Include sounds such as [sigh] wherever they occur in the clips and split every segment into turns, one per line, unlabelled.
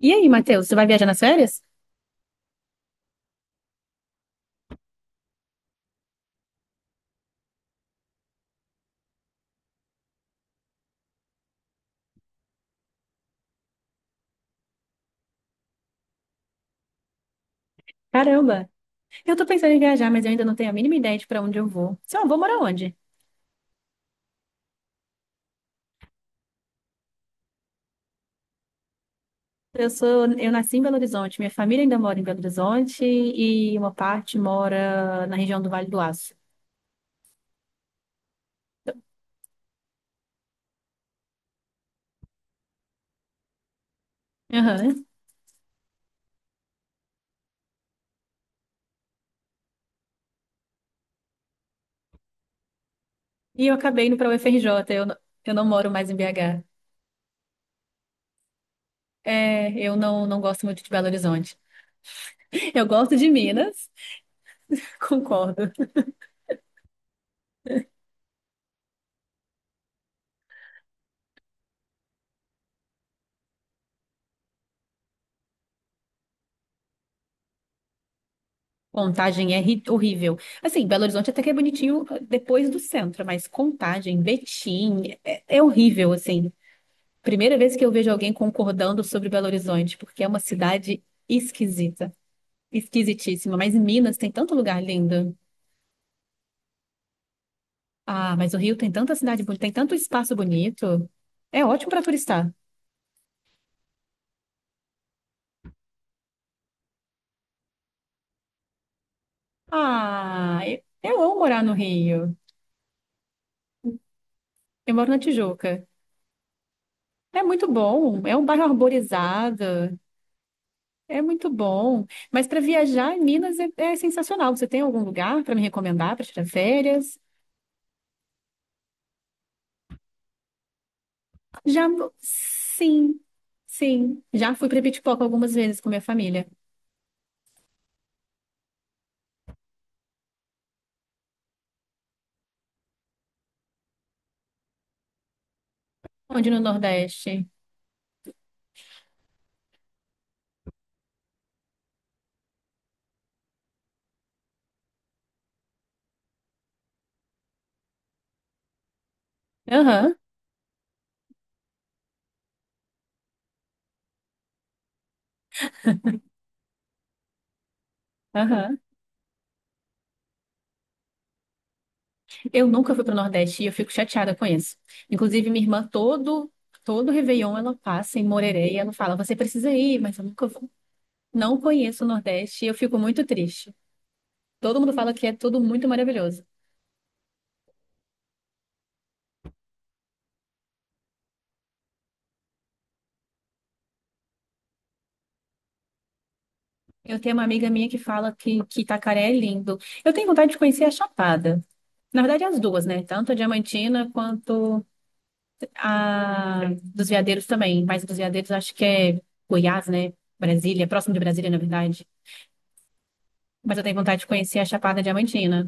E aí, Matheus, você vai viajar nas férias? Caramba, eu tô pensando em viajar, mas eu ainda não tenho a mínima ideia de pra onde eu vou. Se vou morar onde? Eu nasci em Belo Horizonte, minha família ainda mora em Belo Horizonte e uma parte mora na região do Vale do Aço. Aham. E eu acabei indo pra UFRJ, eu, n- eu não moro mais em BH. É, eu não, não gosto muito de Belo Horizonte. Eu gosto de Minas, [laughs] concordo. Horrível. Assim, Belo Horizonte até que é bonitinho ah, depois do centro, mas Contagem, Betim, é horrível, assim. Primeira vez que eu vejo alguém concordando sobre Belo Horizonte, porque é uma cidade esquisita, esquisitíssima. Mas em Minas tem tanto lugar lindo. Ah, mas o Rio tem tanta cidade bonita, tem tanto espaço bonito. É ótimo para turistar. Ah, eu amo morar no Rio. Eu moro na Tijuca. É muito bom, é um bairro arborizado. É muito bom. Mas para viajar em Minas é sensacional. Você tem algum lugar para me recomendar para tirar férias? Já, sim, sim. Já fui para Pitipoca algumas vezes com minha família. Onde no Nordeste? Aham, aham. Eu nunca fui para o Nordeste e eu fico chateada com isso. Inclusive, minha irmã, todo Réveillon ela passa em Moreré e ela fala: Você precisa ir, mas eu nunca vou. Não conheço o Nordeste e eu fico muito triste. Todo mundo fala que é tudo muito maravilhoso. Eu tenho uma amiga minha que fala que Itacaré é lindo. Eu tenho vontade de conhecer a Chapada. Na verdade, as duas, né? Tanto a Diamantina quanto a dos Veadeiros também. Mas a dos Veadeiros acho que é Goiás, né? Brasília, próximo de Brasília, na verdade. Mas eu tenho vontade de conhecer a Chapada Diamantina.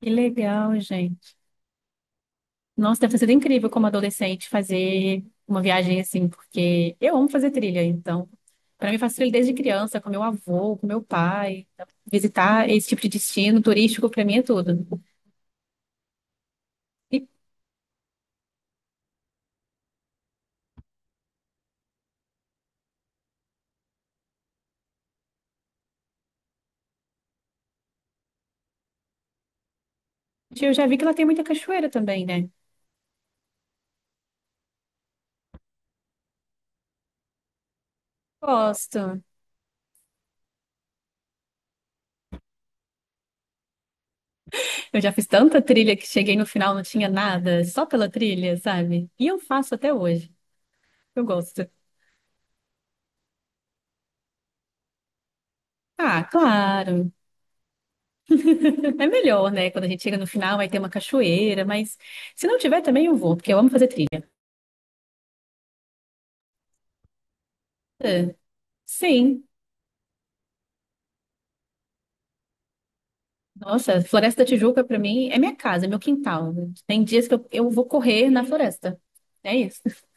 Que legal, gente. Nossa, deve ter sido incrível como adolescente fazer uma viagem assim, porque eu amo fazer trilha, então, para mim faço trilha desde criança, com meu avô, com meu pai, então, visitar esse tipo de destino turístico para mim é tudo. E eu já vi que lá tem muita cachoeira também, né? Gosto. Eu já fiz tanta trilha que cheguei no final não tinha nada, só pela trilha, sabe? E eu faço até hoje. Eu gosto. Ah, claro. [laughs] É melhor, né? Quando a gente chega no final, vai ter uma cachoeira, mas se não tiver também eu vou, porque eu amo fazer trilha. Sim. Nossa, Floresta da Tijuca pra mim é minha casa, é meu quintal. Tem dias que eu vou correr na floresta. É isso. [laughs]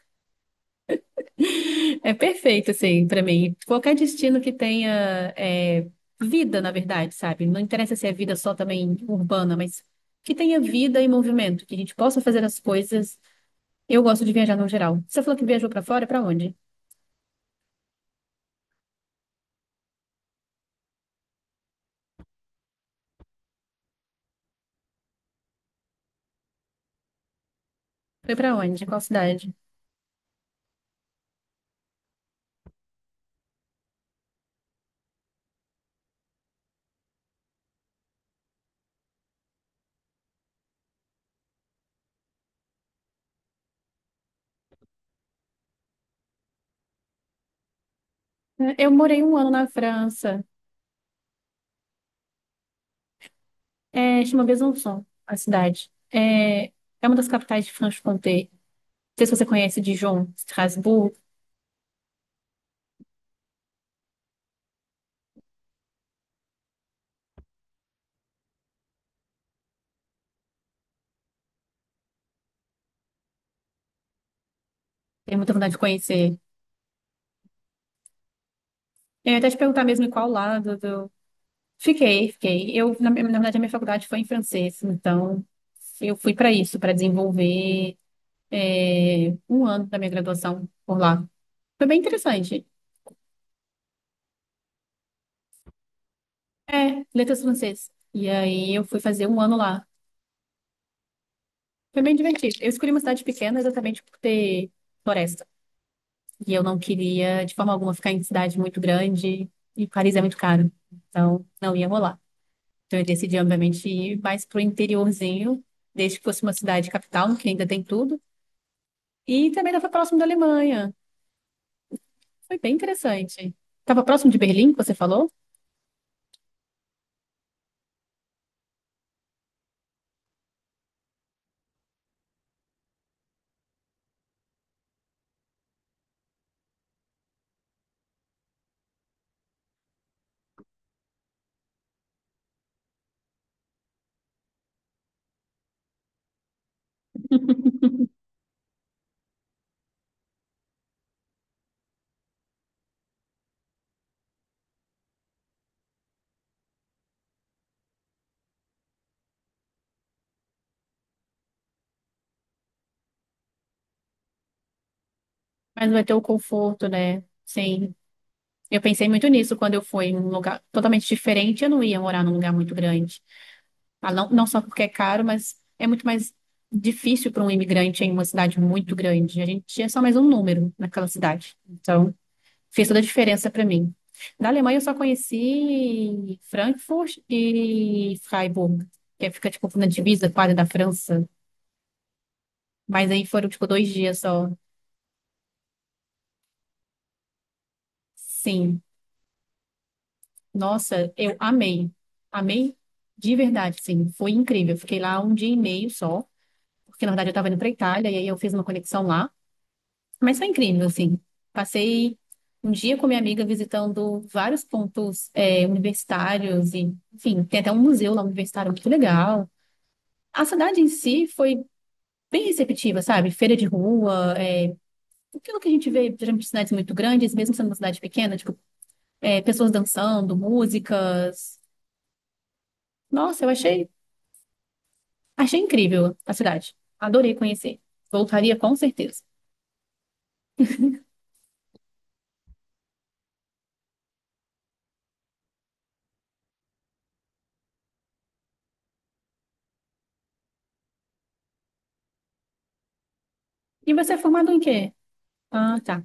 É perfeito, assim, pra mim. Qualquer destino que tenha é, vida, na verdade, sabe? Não interessa se é vida só também urbana, mas que tenha vida e movimento, que a gente possa fazer as coisas. Eu gosto de viajar no geral. Você falou que viajou pra fora, pra onde? Foi pra onde? Qual cidade? É, eu morei um ano na França. É, chama Besançon, a cidade. É uma das capitais de Franche-Comté. Sei se você conhece Dijon, Estrasburgo, tenho muita vontade de conhecer. Eu ia até te perguntar mesmo em qual lado do... Fiquei, fiquei. Na verdade, a minha faculdade foi em francês, então eu fui para isso, para desenvolver é, um ano da minha graduação por lá. Foi bem interessante. É, letras francês. E aí eu fui fazer um ano lá. Foi bem divertido. Eu escolhi uma cidade pequena exatamente por ter floresta. E eu não queria, de forma alguma, ficar em cidade muito grande. E Paris é muito caro. Então, não ia rolar. Então, eu decidi, obviamente, ir mais pro interiorzinho, desde que fosse uma cidade capital, que ainda tem tudo. E também estava próximo da Alemanha. Foi bem interessante. Estava próximo de Berlim, que você falou, mas não vai ter o conforto, né? Sim. Eu pensei muito nisso quando eu fui em um lugar totalmente diferente. Eu não ia morar num lugar muito grande. Ah, não, não só porque é caro, mas é muito mais difícil para um imigrante em uma cidade muito grande. A gente é só mais um número naquela cidade. Então, fez toda a diferença para mim. Da Alemanha eu só conheci Frankfurt e Freiburg, que fica tipo na divisa quase da França. Mas aí foram tipo dois dias só. Sim, nossa, amei de verdade, sim, foi incrível. Fiquei lá um dia e meio só, porque na verdade eu tava indo para Itália e aí eu fiz uma conexão lá. Mas foi incrível, assim. Passei um dia com minha amiga visitando vários pontos universitários e, enfim, tem até um museu lá universitário muito legal. A cidade em si foi bem receptiva, sabe? Feira de rua, é, aquilo que a gente vê geralmente em cidades muito grandes, mesmo sendo uma cidade pequena, tipo, é, pessoas dançando, músicas. Nossa, achei incrível a cidade. Adorei conhecer. Voltaria com certeza. E você é formado em quê? Ah, tá.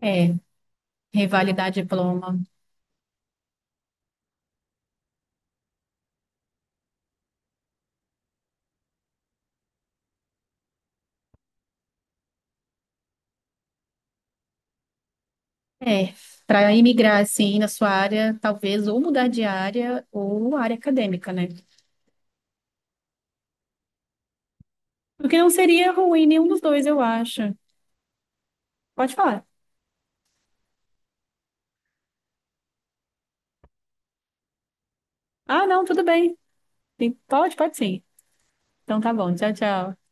É, revalidar diploma. É, para imigrar assim na sua área, talvez ou mudar de área ou área acadêmica, né? Porque não seria ruim nenhum dos dois, eu acho. Pode falar. Ah, não, tudo bem. Sim, pode, pode sim. Então tá bom. Tchau, tchau.